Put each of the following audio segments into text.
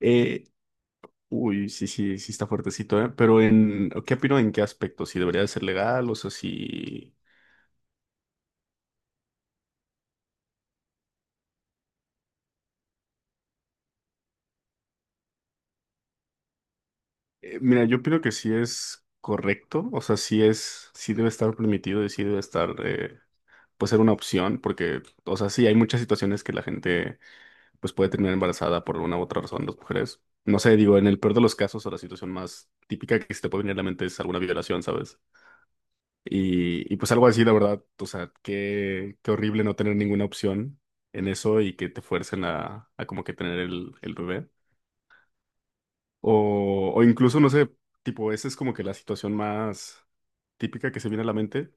Eh, uy, sí, sí, sí está fuertecito, ¿eh? ¿Qué opino en qué aspecto? ¿Si debería de ser legal? O sea, si... mira, yo opino que sí es correcto, o sea, sí debe estar permitido y sí debe estar, pues ser una opción, porque, o sea, sí hay muchas situaciones que la gente, pues puede terminar embarazada por una u otra razón, las mujeres. No sé, digo, en el peor de los casos o la situación más típica que se te puede venir a la mente es alguna violación, ¿sabes? Y pues algo así, la verdad, o sea, qué horrible no tener ninguna opción en eso y que te fuercen a como que tener el bebé. O incluso, no sé, tipo, esa es como que la situación más típica que se viene a la mente,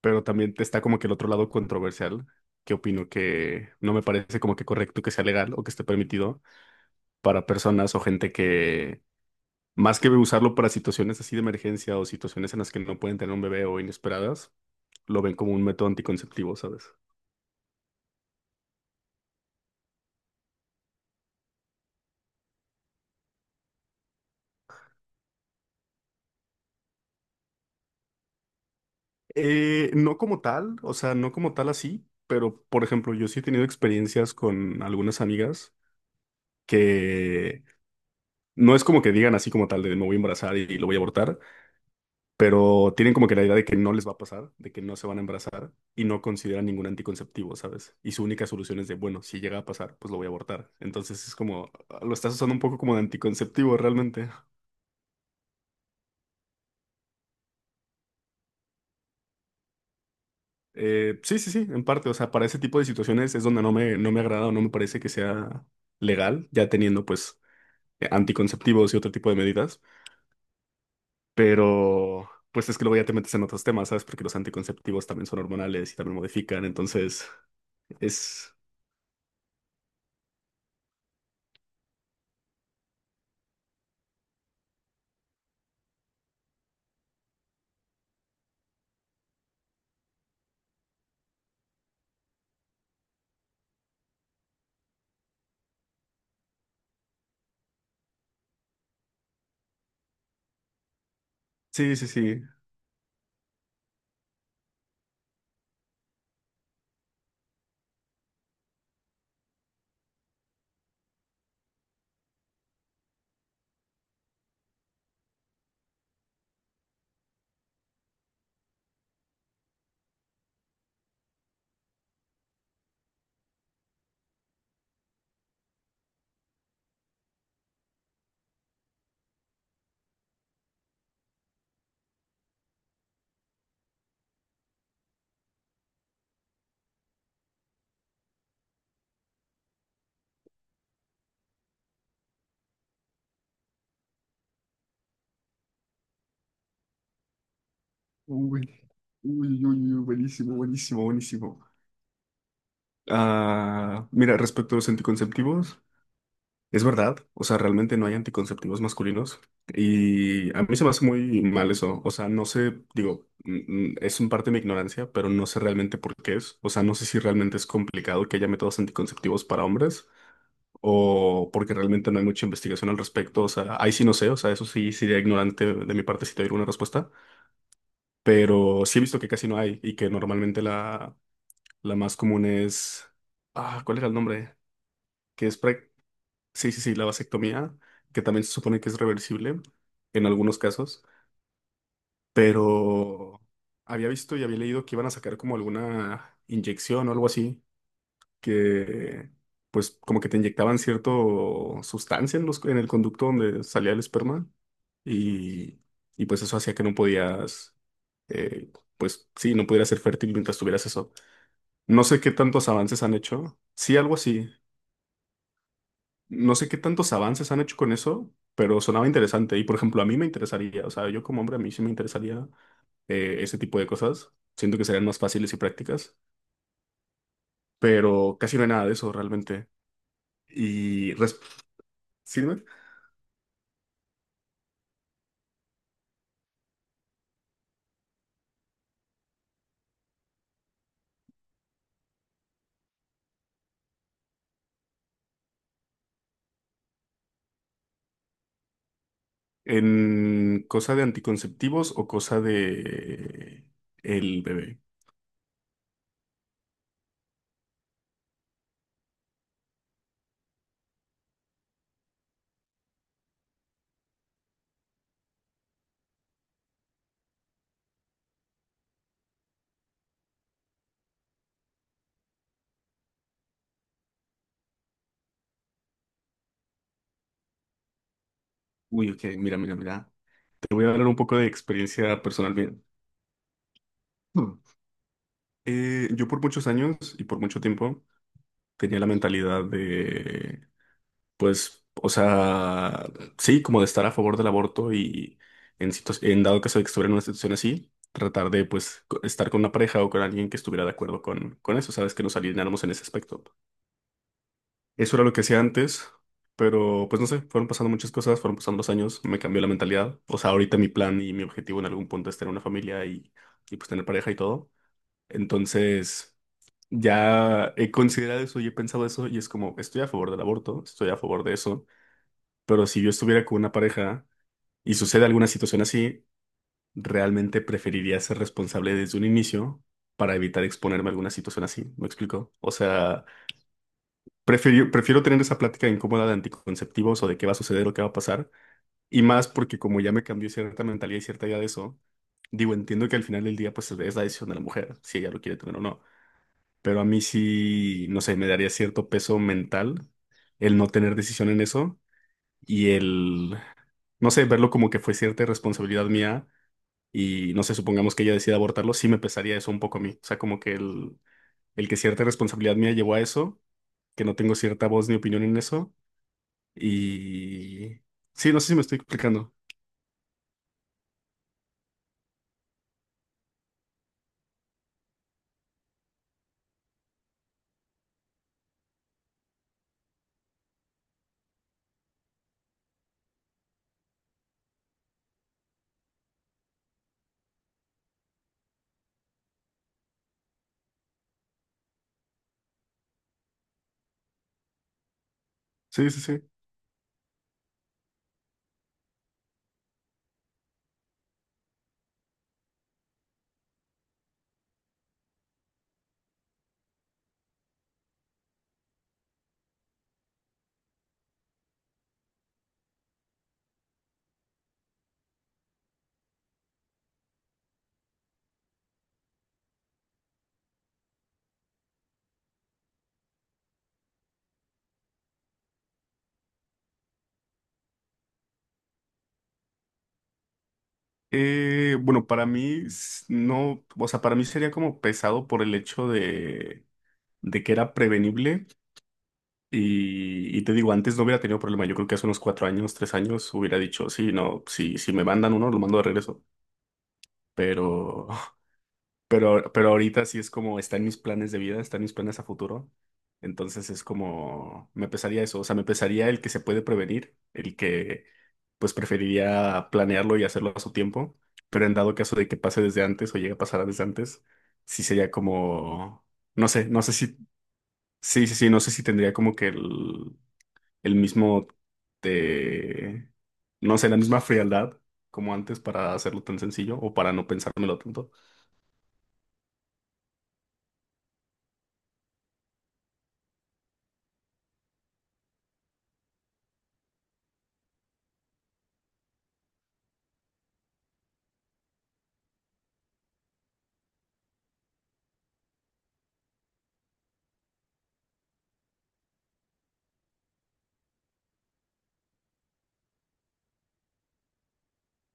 pero también te está como que el otro lado controversial, que opino que no me parece como que correcto que sea legal o que esté permitido para personas o gente que, más que usarlo para situaciones así de emergencia o situaciones en las que no pueden tener un bebé o inesperadas lo ven como un método anticonceptivo, ¿sabes? No como tal, o sea, no como tal así, pero por ejemplo, yo sí he tenido experiencias con algunas amigas que no es como que digan así como tal de me voy a embarazar y lo voy a abortar, pero tienen como que la idea de que no les va a pasar, de que no se van a embarazar y no consideran ningún anticonceptivo, ¿sabes? Y su única solución es de, bueno, si llega a pasar, pues lo voy a abortar. Entonces es como, lo estás usando un poco como de anticonceptivo realmente. Sí, sí, sí, en parte. O sea, para ese tipo de situaciones es donde no me agrada o no me parece que sea legal, ya teniendo pues anticonceptivos y otro tipo de medidas. Pero pues es que luego ya te metes en otros temas, ¿sabes? Porque los anticonceptivos también son hormonales y también modifican. Entonces, es... Sí, sí, sí. Uy, uy, uy, uy, buenísimo, buenísimo, buenísimo. Ah, mira, respecto a los anticonceptivos. Es verdad, o sea, realmente no hay anticonceptivos masculinos y a mí se me hace muy mal eso, o sea, no sé, digo, es un parte de mi ignorancia, pero no sé realmente por qué es, o sea, no sé si realmente es complicado que haya métodos anticonceptivos para hombres o porque realmente no hay mucha investigación al respecto, o sea, ahí sí no sé, o sea, eso sí sería ignorante de mi parte si te doy una respuesta, pero sí he visto que casi no hay y que normalmente la más común es, ah, ¿cuál era el nombre? Que es prácticamente sí, sí, sí, la vasectomía, que también se supone que es reversible en algunos casos, pero había visto y había leído que iban a sacar como alguna inyección o algo así, que pues como que te inyectaban cierto sustancia en en el conducto donde salía el esperma y, y pues eso hacía que no podías, eh, pues sí, no pudieras ser fértil mientras tuvieras eso. No sé qué tantos avances han hecho. Sí, algo así. No sé qué tantos avances han hecho con eso, pero sonaba interesante. Y por ejemplo, a mí me interesaría, o sea, yo como hombre a mí sí me interesaría ese tipo de cosas. Siento que serían más fáciles y prácticas, pero casi no hay nada de eso realmente. Y res- sí, dime, en cosa de anticonceptivos o cosa de el bebé. Uy, ok, mira, mira, mira. Te voy a hablar un poco de experiencia personal bien. Hmm. Yo por muchos años y por mucho tiempo tenía la mentalidad de pues, o sea, sí, como de estar a favor del aborto y en, en dado caso de que estuviera en una situación así, tratar de, pues, estar con una pareja o con alguien que estuviera de acuerdo con eso, ¿sabes? Que nos alineáramos en ese aspecto. Eso era lo que hacía antes, pero, pues, no sé, fueron pasando muchas cosas, fueron pasando los años, me cambió la mentalidad. O sea, ahorita mi plan y mi objetivo en algún punto es tener una familia y pues, tener pareja y todo. Entonces... Ya he considerado eso y he pensado eso y es como, estoy a favor del aborto, estoy a favor de eso, pero si yo estuviera con una pareja y sucede alguna situación así, realmente preferiría ser responsable desde un inicio para evitar exponerme a alguna situación así. ¿Me explico? O sea, prefiero tener esa plática incómoda de anticonceptivos o de qué va a suceder o qué va a pasar. Y más porque como ya me cambió cierta mentalidad y cierta idea de eso, digo, entiendo que al final del día pues es la decisión de la mujer, si ella lo quiere tener o no. Pero a mí sí, no sé, me daría cierto peso mental el no tener decisión en eso y el, no sé, verlo como que fue cierta responsabilidad mía y no sé, supongamos que ella decida abortarlo, sí me pesaría eso un poco a mí. O sea, como que el que cierta responsabilidad mía llevó a eso, que no tengo cierta voz ni opinión en eso y... Sí, no sé si me estoy explicando. Sí, sí, sí. Bueno, no, o sea, para mí sería como pesado por el hecho de que era prevenible. Y te digo, antes no hubiera tenido problema. Yo creo que hace unos cuatro años, tres años, hubiera dicho, sí, no, si me mandan uno, lo mando de regreso. Pero, pero ahorita sí es como, está en mis planes de vida, está en mis planes a futuro. Entonces es como, me pesaría eso. O sea, me pesaría el que se puede prevenir, el que pues preferiría planearlo y hacerlo a su tiempo. Pero en dado caso de que pase desde antes o llegue a pasar desde antes, sí sería como, no sé, no sé si, sí, sí, sí, no sé si tendría como que el mismo, eh, no sé, la misma frialdad como antes para hacerlo tan sencillo o para no pensármelo tanto.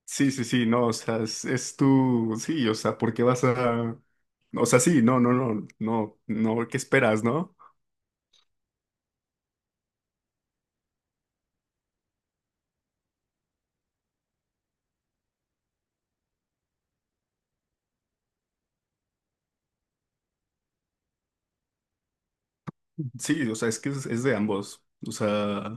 Sí, sí, sí, no, o sea, es tu, sí, o sea, ¿por qué vas a, o sea, sí, no, no, no, no, no, ¿qué esperas, no? Sí, o sea, es de ambos, o sea,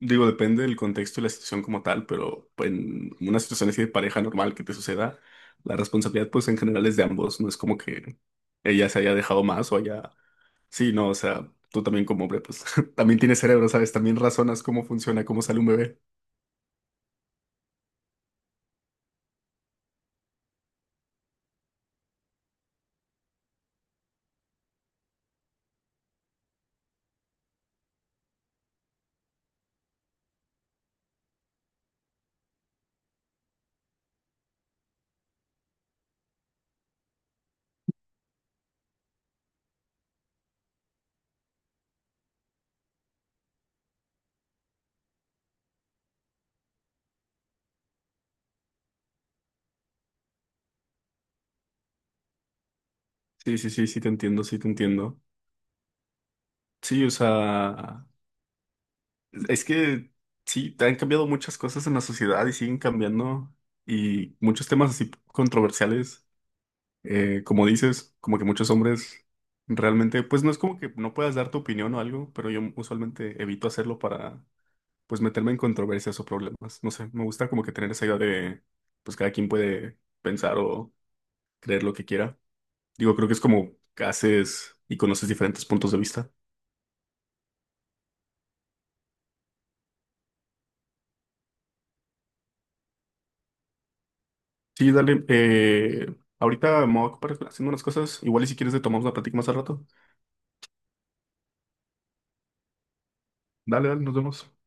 digo, depende del contexto y la situación como tal, pero pues, en una situación así de pareja normal que te suceda, la responsabilidad, pues, en general es de ambos, no es como que ella se haya dejado más o haya sí, no, o sea, tú también como hombre, pues también tienes cerebro, ¿sabes? También razonas cómo funciona, cómo sale un bebé. Sí, sí, sí, sí, te entiendo, sí, te entiendo. Sí, o sea, es que sí, han cambiado muchas cosas en la sociedad y siguen cambiando y muchos temas así controversiales, como dices, como que muchos hombres realmente, pues no es como que no puedas dar tu opinión o algo, pero yo usualmente evito hacerlo para, pues, meterme en controversias o problemas. No sé, me gusta como que tener esa idea de, pues, cada quien puede pensar o creer lo que quiera. Digo, creo que es como haces y conoces diferentes puntos de vista. Sí, dale. Ahorita me voy a ocupar haciendo unas cosas. Igual y si quieres le tomamos la plática más al rato. Dale, dale, nos vemos.